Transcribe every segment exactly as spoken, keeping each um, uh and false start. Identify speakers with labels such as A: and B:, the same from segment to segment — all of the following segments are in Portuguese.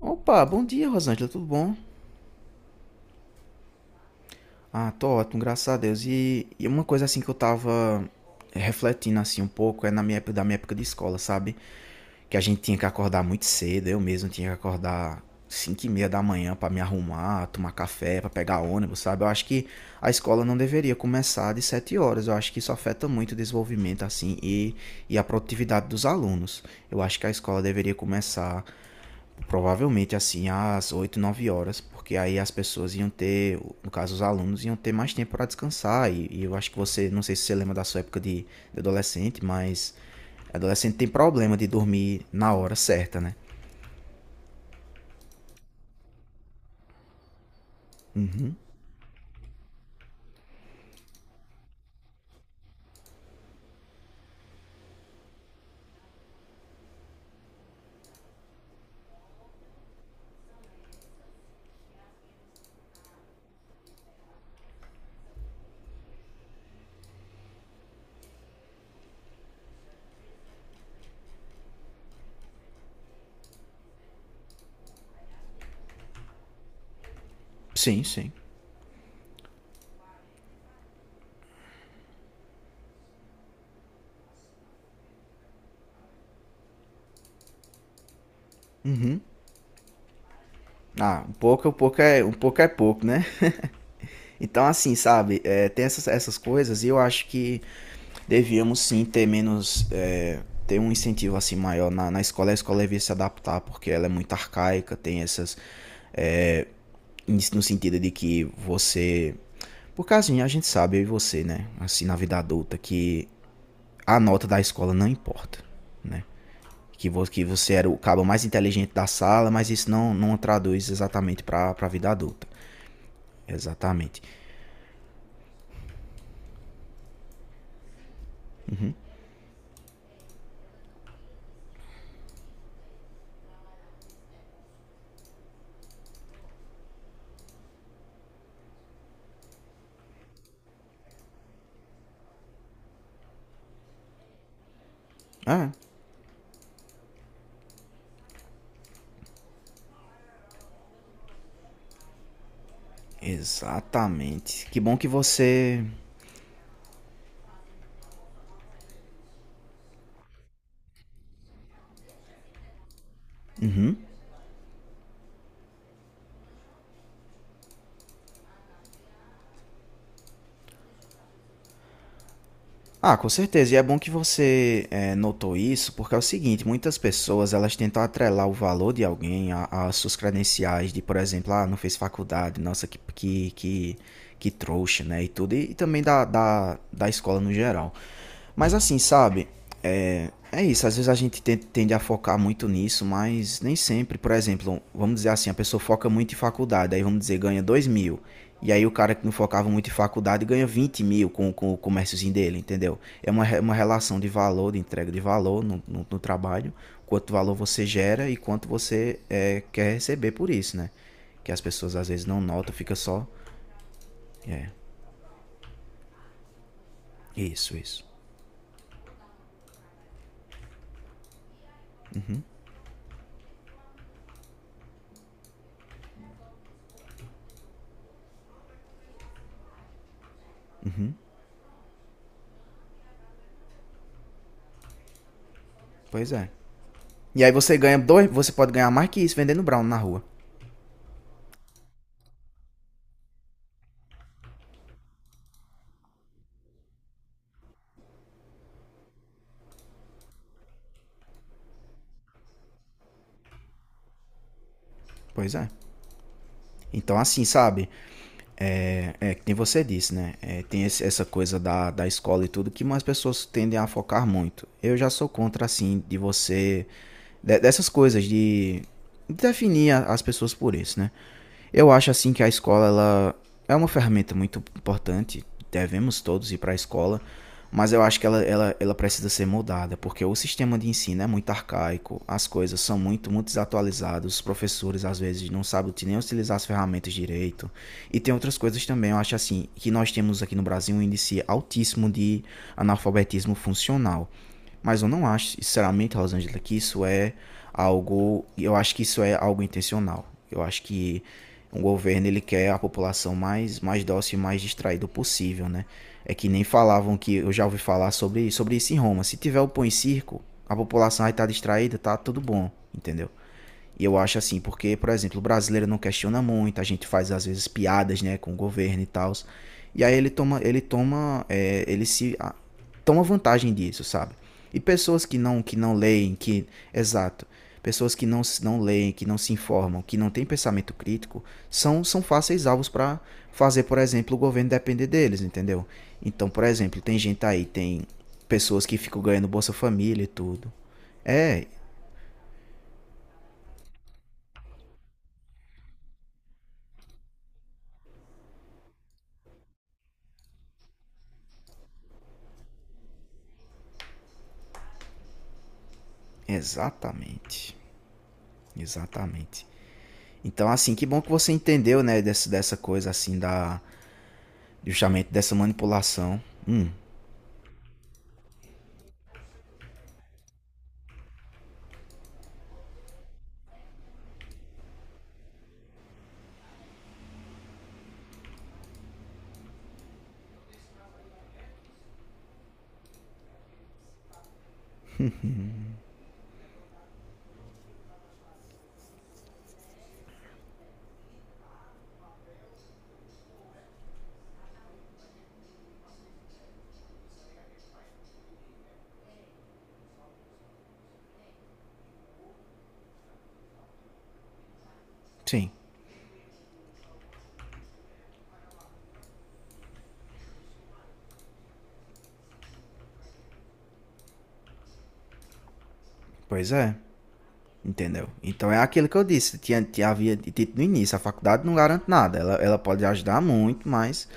A: Opa, bom dia, Rosângela, tudo bom? Ah, tô ótimo, graças a Deus. E, e uma coisa assim que eu tava eh, refletindo assim um pouco é na minha época, da minha época de escola, sabe? Que a gente tinha que acordar muito cedo, eu mesmo tinha que acordar cinco e meia da manhã pra me arrumar, tomar café, pra pegar ônibus, sabe? Eu acho que a escola não deveria começar de sete horas, eu acho que isso afeta muito o desenvolvimento assim e, e a produtividade dos alunos. Eu acho que a escola deveria começar provavelmente assim às oito, nove horas, porque aí as pessoas iam ter, no caso os alunos, iam ter mais tempo para descansar. E, e eu acho que você, não sei se você lembra da sua época de, de adolescente, mas adolescente tem problema de dormir na hora certa, né? Uhum. Sim, sim. Uhum. Ah, um pouco, um pouco é um pouco é pouco, né? Então, assim, sabe, é, tem essas, essas coisas e eu acho que devíamos sim ter menos, é, ter um incentivo assim maior na, na escola. A escola devia se adaptar porque ela é muito arcaica, tem essas no sentido de que você. Por causa a gente sabe, eu e você, né? Assim, na vida adulta, que a nota da escola não importa, né? Que, vo que você era o cabo mais inteligente da sala, mas isso não, não traduz exatamente pra, pra vida adulta. Exatamente. Ah, exatamente. Que bom que você. Ah, com certeza. E é bom que você eh, notou isso, porque é o seguinte, muitas pessoas elas tentam atrelar o valor de alguém a- às suas credenciais de, por exemplo, ah, não fez faculdade, nossa, que, que, que, que trouxa, né? E tudo, e, também da, da, da escola no geral. Mas assim, sabe, é é isso, às vezes a gente ten- tende a focar muito nisso, mas nem sempre. Por exemplo, vamos dizer assim, a pessoa foca muito em faculdade, aí vamos dizer, ganha dois mil. E aí o cara que não focava muito em faculdade ganha vinte mil com, com o comérciozinho dele, entendeu? É uma, re- uma relação de valor, de entrega de valor no, no, no trabalho, quanto valor você gera e quanto você é, quer receber por isso, né? Que as pessoas às vezes não notam, fica só. É, isso, isso. Pois é. E aí você ganha dois, você pode ganhar mais que isso vendendo brown na rua. Pois é. Então, assim, sabe? É, é que é, nem você disse, né? É, tem esse- essa coisa da, da escola e tudo que mais pessoas tendem a focar muito. Eu já sou contra, assim, de você. De- dessas coisas, de, de definir a- as pessoas por isso, né? Eu acho assim que a escola ela é uma ferramenta muito importante. Devemos todos ir para a escola, mas eu acho que ela, ela, ela precisa ser moldada, porque o sistema de ensino é muito arcaico, as coisas são muito, muito desatualizadas, os professores às vezes não sabem nem utilizar as ferramentas direito. E tem outras coisas também, eu acho assim, que nós temos aqui no Brasil um índice altíssimo de analfabetismo funcional. Mas eu não acho, sinceramente, Rosângela, que isso é algo. Eu acho que isso é algo intencional. Eu acho que um governo ele quer a população mais mais dócil e mais distraída possível, né? É que nem falavam que eu já ouvi falar sobre sobre isso em Roma. Se tiver o pão e circo, a população vai estar distraída, tá tudo bom, entendeu? E eu acho assim, porque, por exemplo, o brasileiro não questiona muito, a gente faz às vezes piadas, né, com o governo e tal. E aí ele toma, ele toma, é, ele se ah, toma vantagem disso, sabe? E pessoas que não, que não leem, que, exato, pessoas que não, não leem, que não se informam, que não têm pensamento crítico, são, são fáceis alvos para fazer, por exemplo, o governo depender deles, entendeu? Então, por exemplo, tem gente aí, tem pessoas que ficam ganhando Bolsa Família e tudo. É, exatamente. Exatamente. Então, assim, que bom que você entendeu, né, desse, dessa coisa, assim, da, justamente dessa manipulação. Hum, sim, pois é, entendeu? Então é aquilo que eu disse, tinha, tinha, havia dito no início, a faculdade não garante nada, ela, ela pode ajudar muito, mas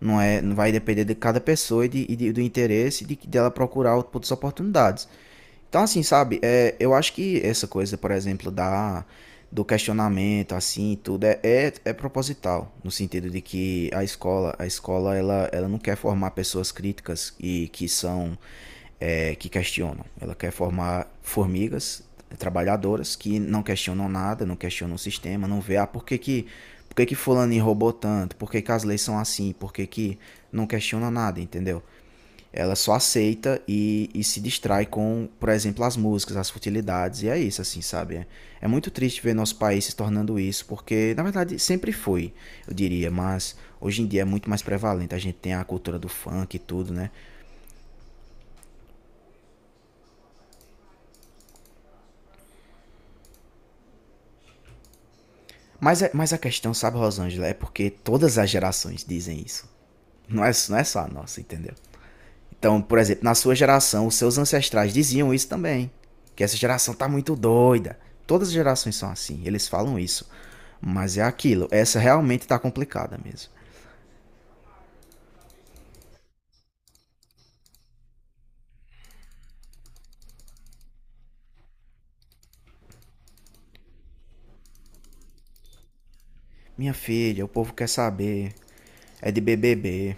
A: não é, não vai depender de cada pessoa e, de, e de- do interesse de, dela procurar outras oportunidades. Então, assim, sabe, é, eu acho que essa coisa, por exemplo, da, do questionamento, assim, tudo, é, é, é proposital, no sentido de que a escola, a escola, ela, ela não quer formar pessoas críticas e que são, é, que questionam. Ela quer formar formigas trabalhadoras que não questionam nada, não questionam o sistema, não vê, ah, por que que, por que, que fulano roubou tanto, por que, que as leis são assim, por que que não questiona nada, entendeu? Ela só aceita e, e se distrai com, por exemplo, as músicas, as futilidades, e é isso, assim, sabe? É, é muito triste ver nosso país se tornando isso, porque, na verdade, sempre foi, eu diria, mas hoje em dia é muito mais prevalente. A gente tem a cultura do funk e tudo, né? Mas, é, mas a questão, sabe, Rosângela, é porque todas as gerações dizem isso. Não é, não é só a nossa, entendeu? Então, por exemplo, na sua geração, os seus ancestrais diziam isso também. Que essa geração tá muito doida. Todas as gerações são assim, eles falam isso. Mas é aquilo, essa realmente tá complicada mesmo. Minha filha, o povo quer saber. É de B B B.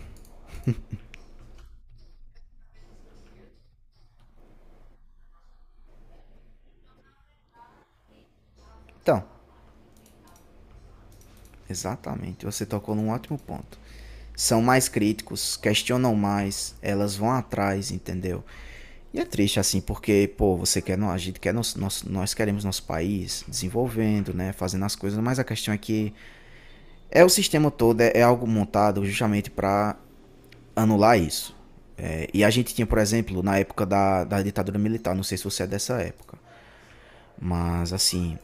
A: Então, exatamente, você tocou num ótimo ponto. São mais críticos, questionam mais, elas vão atrás, entendeu? E é triste assim, porque, pô, você quer, a gente quer, nós, nós, nós queremos nosso país desenvolvendo, né, fazendo as coisas, mas a questão é que é o sistema todo, é, é algo montado justamente para anular isso. É, e a gente tinha, por exemplo, na época da, da ditadura militar, não sei se você é dessa época, mas assim,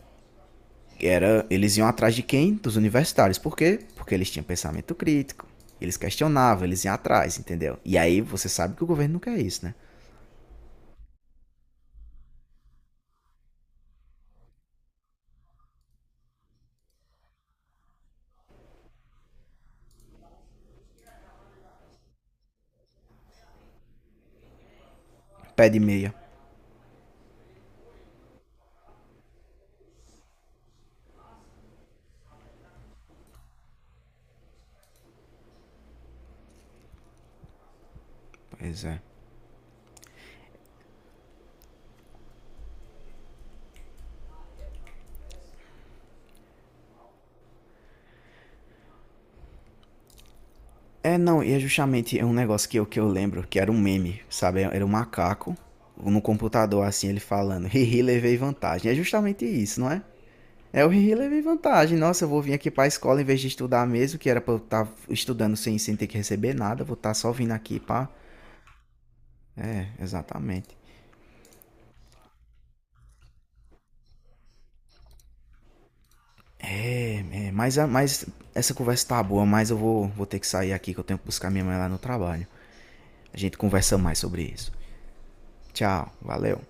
A: era eles iam atrás de quem? Dos universitários. Por quê? Porque eles tinham pensamento crítico, eles questionavam, eles iam atrás, entendeu? E aí você sabe que o governo não quer isso, né? Pé de meia. Pois é. É, não, e é justamente um negócio que eu, que eu lembro, que era um meme, sabe? Era um macaco no computador, assim, ele falando, hihi, levei vantagem. É justamente isso, não é? É o hihi, levei vantagem. Nossa, eu vou vir aqui pra escola em vez de estudar mesmo, que era pra eu estar estudando sem, sem ter que receber nada, vou estar só vindo aqui pra... É, exatamente. É, é mas, a- mas essa conversa tá boa, mas eu vou, vou ter que sair aqui, que eu tenho que buscar minha mãe lá no trabalho. A gente conversa mais sobre isso. Tchau, valeu.